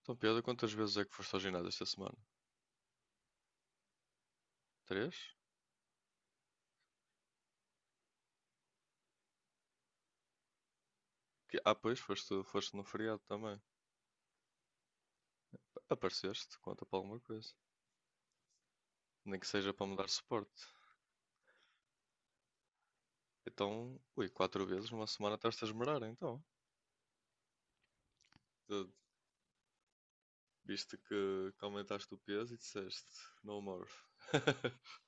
Então, Pedro, quantas vezes é que foste ao ginásio esta semana? Três? Ah, pois, foste no feriado também. Apareceste, conta para alguma coisa. Nem que seja para me dar suporte. Então, ui, quatro vezes numa semana estás-te a esmerar, então. Tu viste que aumentaste o peso e disseste, no more.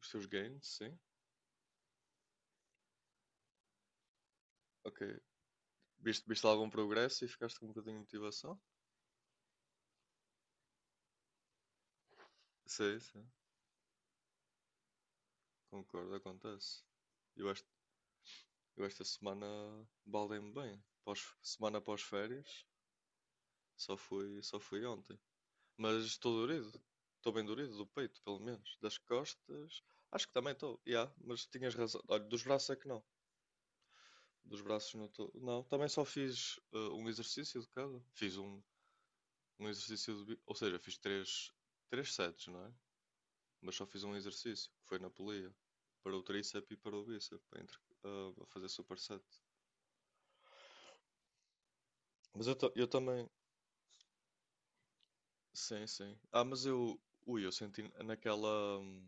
Os teus gains, sim. Ok. Viste algum progresso e ficaste com um bocadinho de motivação? Sim, sim. Concordo, acontece. Eu, esta- eu esta semana baldei-me bem. Pós, semana pós férias. Só fui ontem. Mas estou dorido. Estou bem dorido do peito, pelo menos. Das costas. Acho que também estou. Yeah, mas tinhas razão. Olha, dos braços é que não. Dos braços não estou. Não, também só fiz um exercício de cada. Um exercício Ou seja, fiz três sets, não é? Mas só fiz um exercício, que foi na polia. Para o tríceps e para o bíceps. Para entre, ah, a fazer superset. Mas eu também. Sim, sim. Ah, mas eu. Ui, eu senti naquela.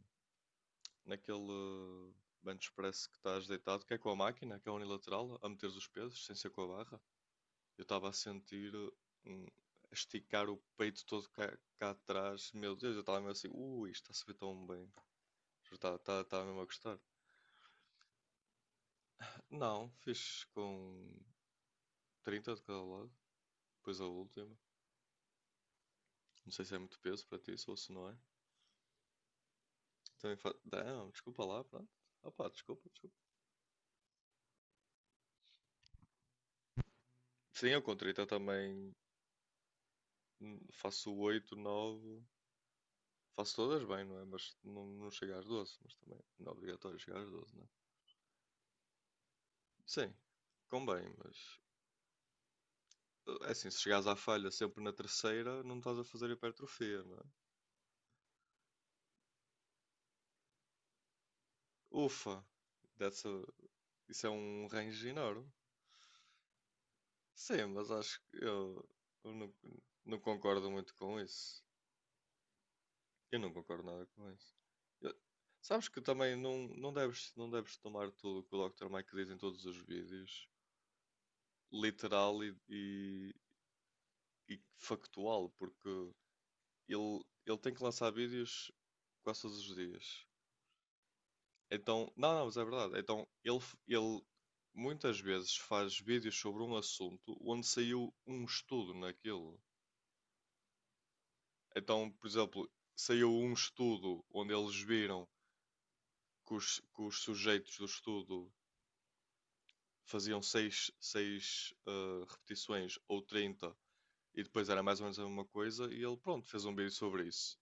Naquele bench press que estás deitado, que é com a máquina, que é unilateral, a meteres os pesos, sem ser com a barra. Eu estava a sentir hum, a esticar o peito todo cá atrás. Meu Deus, eu estava mesmo assim, ui, isto está a subir tão bem. Estava tá mesmo a gostar. Não, fiz com 30 de cada lado, depois a última. Não sei se é muito peso para ti, ou se não é. Não, desculpa lá, pronto. Opa, desculpa, desculpa. Sim, eu com 30 também, faço oito, nove. Faço todas bem, não é? Mas não chega às 12, mas também não é obrigatório chegar às 12, não é? Sim, convém, mas é assim, se chegares à falha sempre na terceira, não estás a fazer hipertrofia, não é? Ufa, that's a- isso é um range enorme. Sim, mas acho que eu não concordo muito com isso. Eu não concordo nada com isso. Eu- Sabes que também não deves tomar tudo o que o Dr. Mike diz em todos os vídeos, literal e e factual, porque ele tem que lançar vídeos quase todos os dias. Então, não, não, mas é verdade. Então, ele muitas vezes faz vídeos sobre um assunto onde saiu um estudo naquilo. Então, por exemplo, saiu um estudo onde eles viram que os sujeitos do estudo faziam seis, repetições ou 30 e depois era mais ou menos a mesma coisa e ele, pronto, fez um vídeo sobre isso.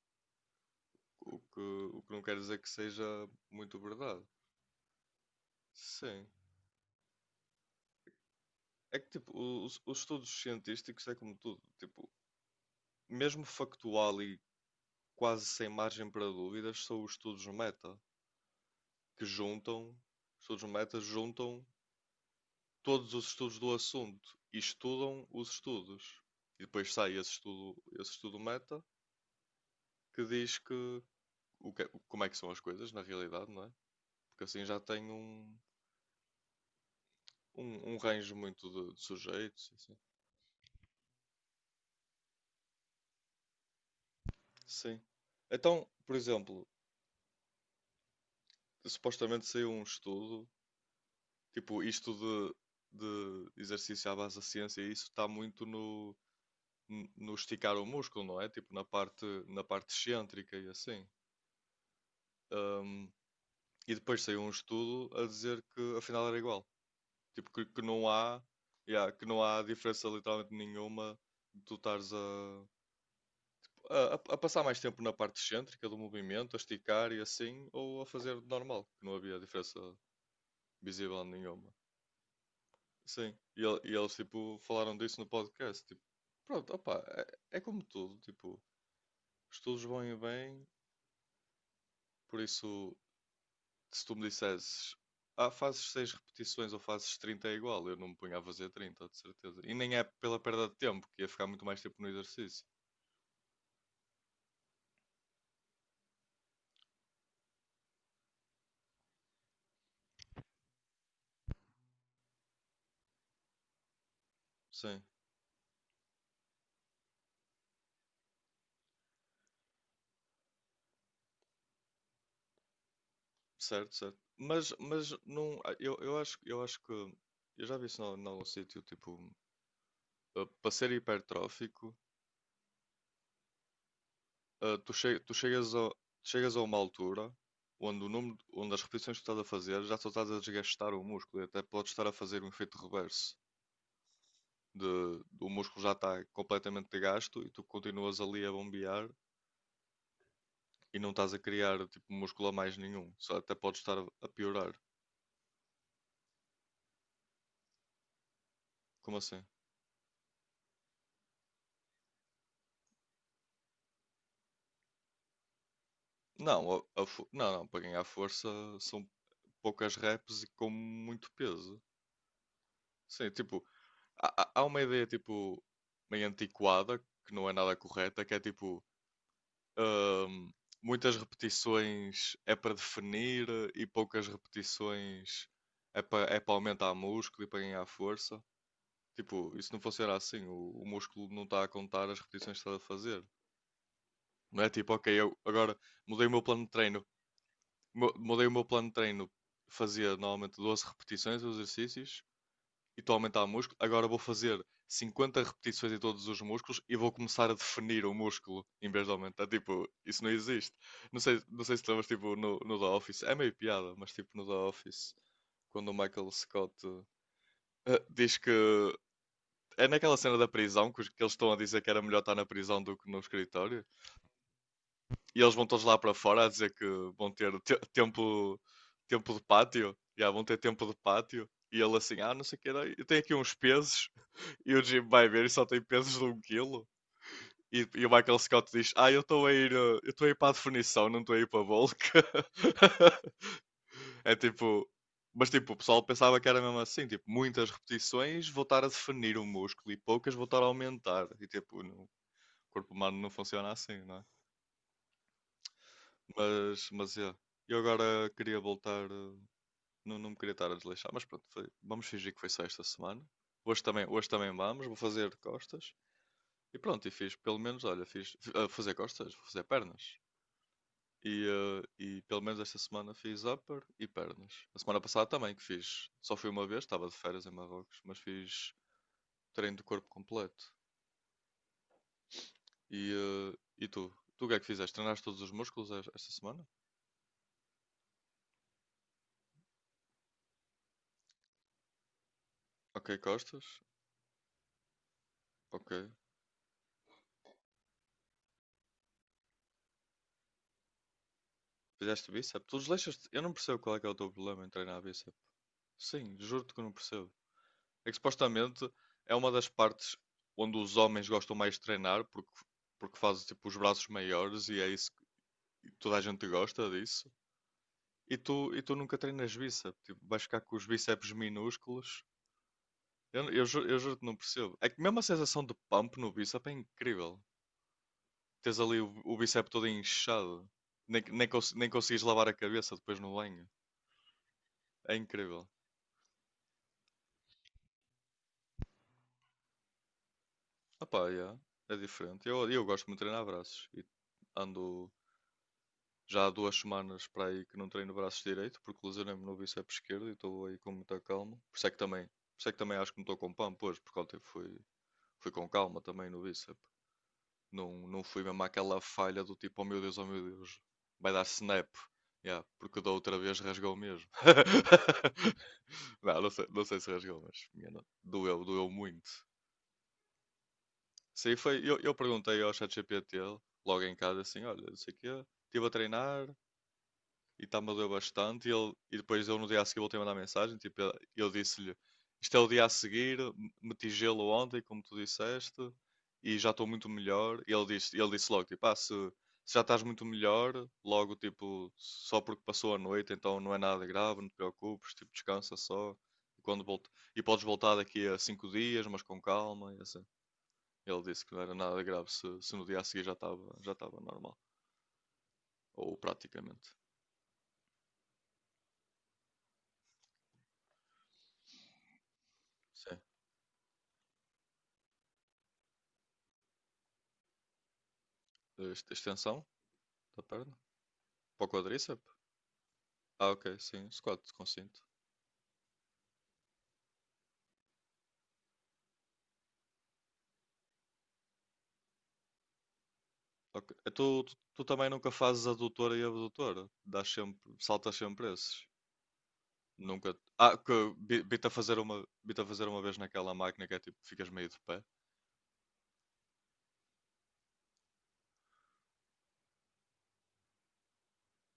O que, o que não quer dizer que seja muito verdade. Sim. É que, tipo, os estudos científicos é como tudo. Tipo, mesmo factual e quase sem margem para dúvidas, são os estudos meta, que juntam, estudos meta juntam todos os estudos do assunto e estudam os estudos. E depois sai esse estudo meta que diz o que é, como é que são as coisas na realidade, não é? Porque assim já tem um range muito de sujeitos. Assim. Sim. Então, por exemplo, supostamente saiu um estudo, tipo, isto de exercício à base da ciência, isso está muito no esticar o músculo, não é? Tipo, na parte excêntrica e assim. Ahm, e depois saiu um estudo a dizer que afinal era igual. Tipo, que não há, yeah, que não há diferença literalmente nenhuma de tu estares a passar mais tempo na parte excêntrica do movimento, a esticar e assim, ou a fazer normal, que não havia diferença. Busy bonding é uma. Sim, e eles tipo falaram disso no podcast. Tipo, pronto, opá, é como tudo, tipo, estudos vão e vêm, por isso, se tu me dissesses, ah, fazes 6 repetições ou fazes 30 é igual, eu não me punha a fazer 30 de certeza. E nem é pela perda de tempo, que ia ficar muito mais tempo no exercício. Sim, certo, certo. Mas não, ah, eu acho que, eu já vi isso em algum sítio, tipo, ah, para ser hipertrófico, tu chegas a uma altura onde, o número, onde as repetições que estás a fazer já só estás a desgastar o músculo e até podes estar a fazer um efeito reverso de, o músculo já está completamente gasto e tu continuas ali a bombear e não estás a criar tipo músculo a mais nenhum, só até podes estar a piorar. Como assim? Não, não, para ganhar força são poucas reps e com muito peso. Sim, tipo, há uma ideia tipo meio antiquada que não é nada correta, que é tipo. Ahm, Muitas repetições é para definir e poucas repetições é para aumentar músculo e para ganhar força. Tipo, e se não funcionar assim, o músculo não está a contar as repetições que está a fazer. Não é tipo, ok, eu agora mudei o meu plano de treino. Mudei o meu plano de treino, fazia normalmente 12 repetições os exercícios e estou a aumentar o músculo, agora vou fazer 50 repetições em todos os músculos e vou começar a definir o músculo em vez de aumentar. Tipo, isso não existe. Não sei se te lembras, tipo, no The Office, é meio piada, mas tipo, no The Office, quando o Michael Scott diz que. É naquela cena da prisão que eles estão a dizer que era melhor estar na prisão do que no escritório. E eles vão todos lá para fora a dizer que vão ter tempo, tempo de pátio. Já vão ter tempo de pátio. E ele assim, ah, não sei o que era. Eu tenho aqui uns pesos. E o Jim vai ver e só tem pesos de um quilo. E o Michael Scott diz: Ah, eu estou a ir para a definição, não estou a ir para a bulk. É tipo. Mas tipo, o pessoal pensava que era mesmo assim, tipo, muitas repetições voltar a definir o músculo e poucas voltar a aumentar. E tipo, o corpo humano não funciona assim, não é? Mas é. Eu agora queria voltar, não me queria estar a desleixar, mas pronto, vamos fingir que foi só esta semana. Hoje também vou fazer costas. E pronto, e fiz, pelo menos, olha, fiz a fazer costas, vou fazer pernas. E pelo menos esta semana fiz upper e pernas. A semana passada também que fiz, só fui uma vez, estava de férias em Marrocos, mas fiz treino de corpo completo. E tu? Tu o que é que fizeste? Treinaste todos os músculos esta semana? Ok, costas? Ok. Fizeste bíceps? Tu desleixas-te? Eu não percebo qual é que é o teu problema em treinar bíceps. Sim, juro-te que eu não percebo. É que supostamente é uma das partes onde os homens gostam mais de treinar porque fazem tipo os braços maiores e é isso que toda a gente gosta disso. E tu nunca treinas bíceps, tipo, vais ficar com os bíceps minúsculos. Eu juro que não percebo. É que mesmo a sensação de pump no bíceps é incrível. Tens ali o bíceps todo inchado. Nem consegues lavar a cabeça depois no banho. É incrível. Opá, yeah, é diferente. Eu gosto muito de treinar braços e ando. Já há 2 semanas para aí que não treino o braço direito, porque lesionei-me no bíceps esquerdo e estou aí com muita calma. Por isso é que também acho que não estou com pump hoje, porque ontem fui com calma também no bíceps. Não fui mesmo àquela falha do tipo: oh meu Deus, vai dar snap. Yeah, porque da outra vez rasgou mesmo. Não sei se rasgou, mas minha no- doeu muito. Sim, foi. Eu perguntei ao ChatGPT logo em casa assim: olha, não sei o quê, estive a treinar, e está-me a doer bastante. E depois eu no dia a seguir voltei a mandar mensagem, tipo, eu disse-lhe, isto é o dia a seguir, meti gelo ontem, como tu disseste, e já estou muito melhor. E ele disse logo, tipo, ah, se já estás muito melhor, logo, tipo, só porque passou a noite, então não é nada grave, não te preocupes, tipo, descansa só. E, quando volta, e podes voltar daqui a 5 dias, mas com calma, e assim. Ele disse que não era nada grave se no dia a seguir já estava normal, ou praticamente. Sim. Extensão? Da perna? Para o quadríceps? Ah, ok, sim. Squat com cinto. Ok. E tu também nunca fazes adutora e abdutora? Saltas sempre esses? Nunca. Ah, que vi-te a fazer uma vez naquela máquina que é tipo, ficas meio de pé.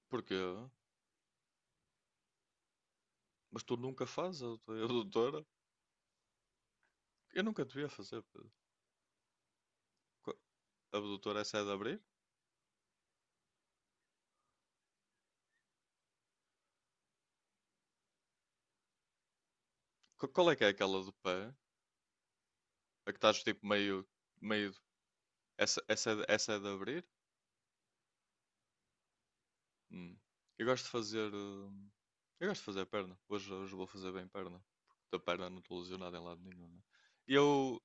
Porquê? Mas tu nunca fazes a adutora e abdutora? Eu nunca devia vi a fazer. Pedro. Qu- Abdutora, essa é de abrir? Qual é que é aquela do pé? A que estás tipo meio, meio. Essa é de abrir? Hum. Eu gosto de fazer. Eu gosto de fazer perna. Hoje vou fazer bem perna. Porque da perna não estou lesionado em lado nenhum, né? E eu,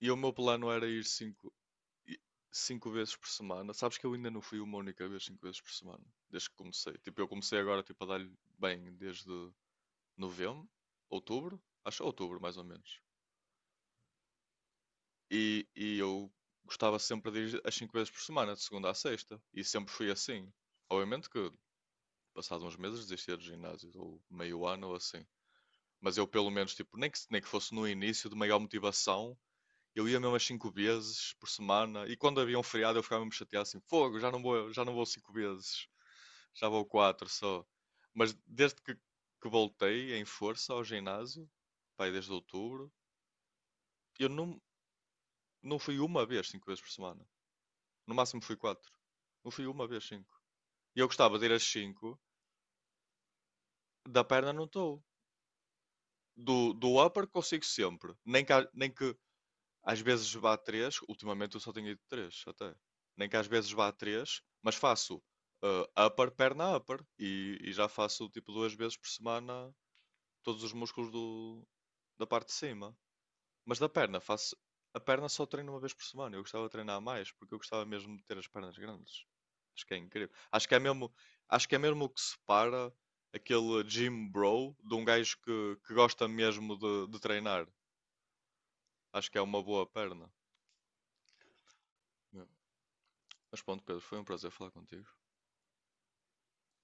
e o meu plano era ir 5 cinco vezes por semana. Sabes que eu ainda não fui uma única vez 5 vezes por semana. Desde que comecei. Tipo, eu comecei agora tipo, a dar-lhe bem desde novembro, outubro. Acho outubro mais ou menos. E eu gostava sempre de ir as 5 vezes por semana, de segunda à sexta. E sempre fui assim. Obviamente que passado uns meses desistia do ginásio, ou meio ano ou assim. Mas eu pelo menos, tipo, nem que fosse no início de maior motivação, eu ia mesmo as 5 vezes por semana, e quando havia um feriado eu ficava mesmo chateado assim, fogo, já não vou 5 vezes, já vou 4 só. Mas desde que voltei em força ao ginásio, pai, desde outubro, eu não, não fui uma vez 5 vezes por semana. No máximo fui quatro. Não fui uma vez cinco. E eu gostava de ir às cinco. Da perna não estou. Do upper consigo sempre. Nem que às vezes vá a três, ultimamente eu só tenho ido 3 até. Nem que às vezes vá a três, mas faço upper, perna, upper. E já faço tipo duas vezes por semana todos os músculos da parte de cima. Mas da perna, faço. A perna só treino uma vez por semana. Eu gostava de treinar mais, porque eu gostava mesmo de ter as pernas grandes. Acho que é incrível. Acho que é mesmo o que separa aquele gym bro de um gajo que gosta mesmo de treinar. Acho que é uma boa perna. Yeah. Mas pronto, Pedro, foi um prazer falar contigo.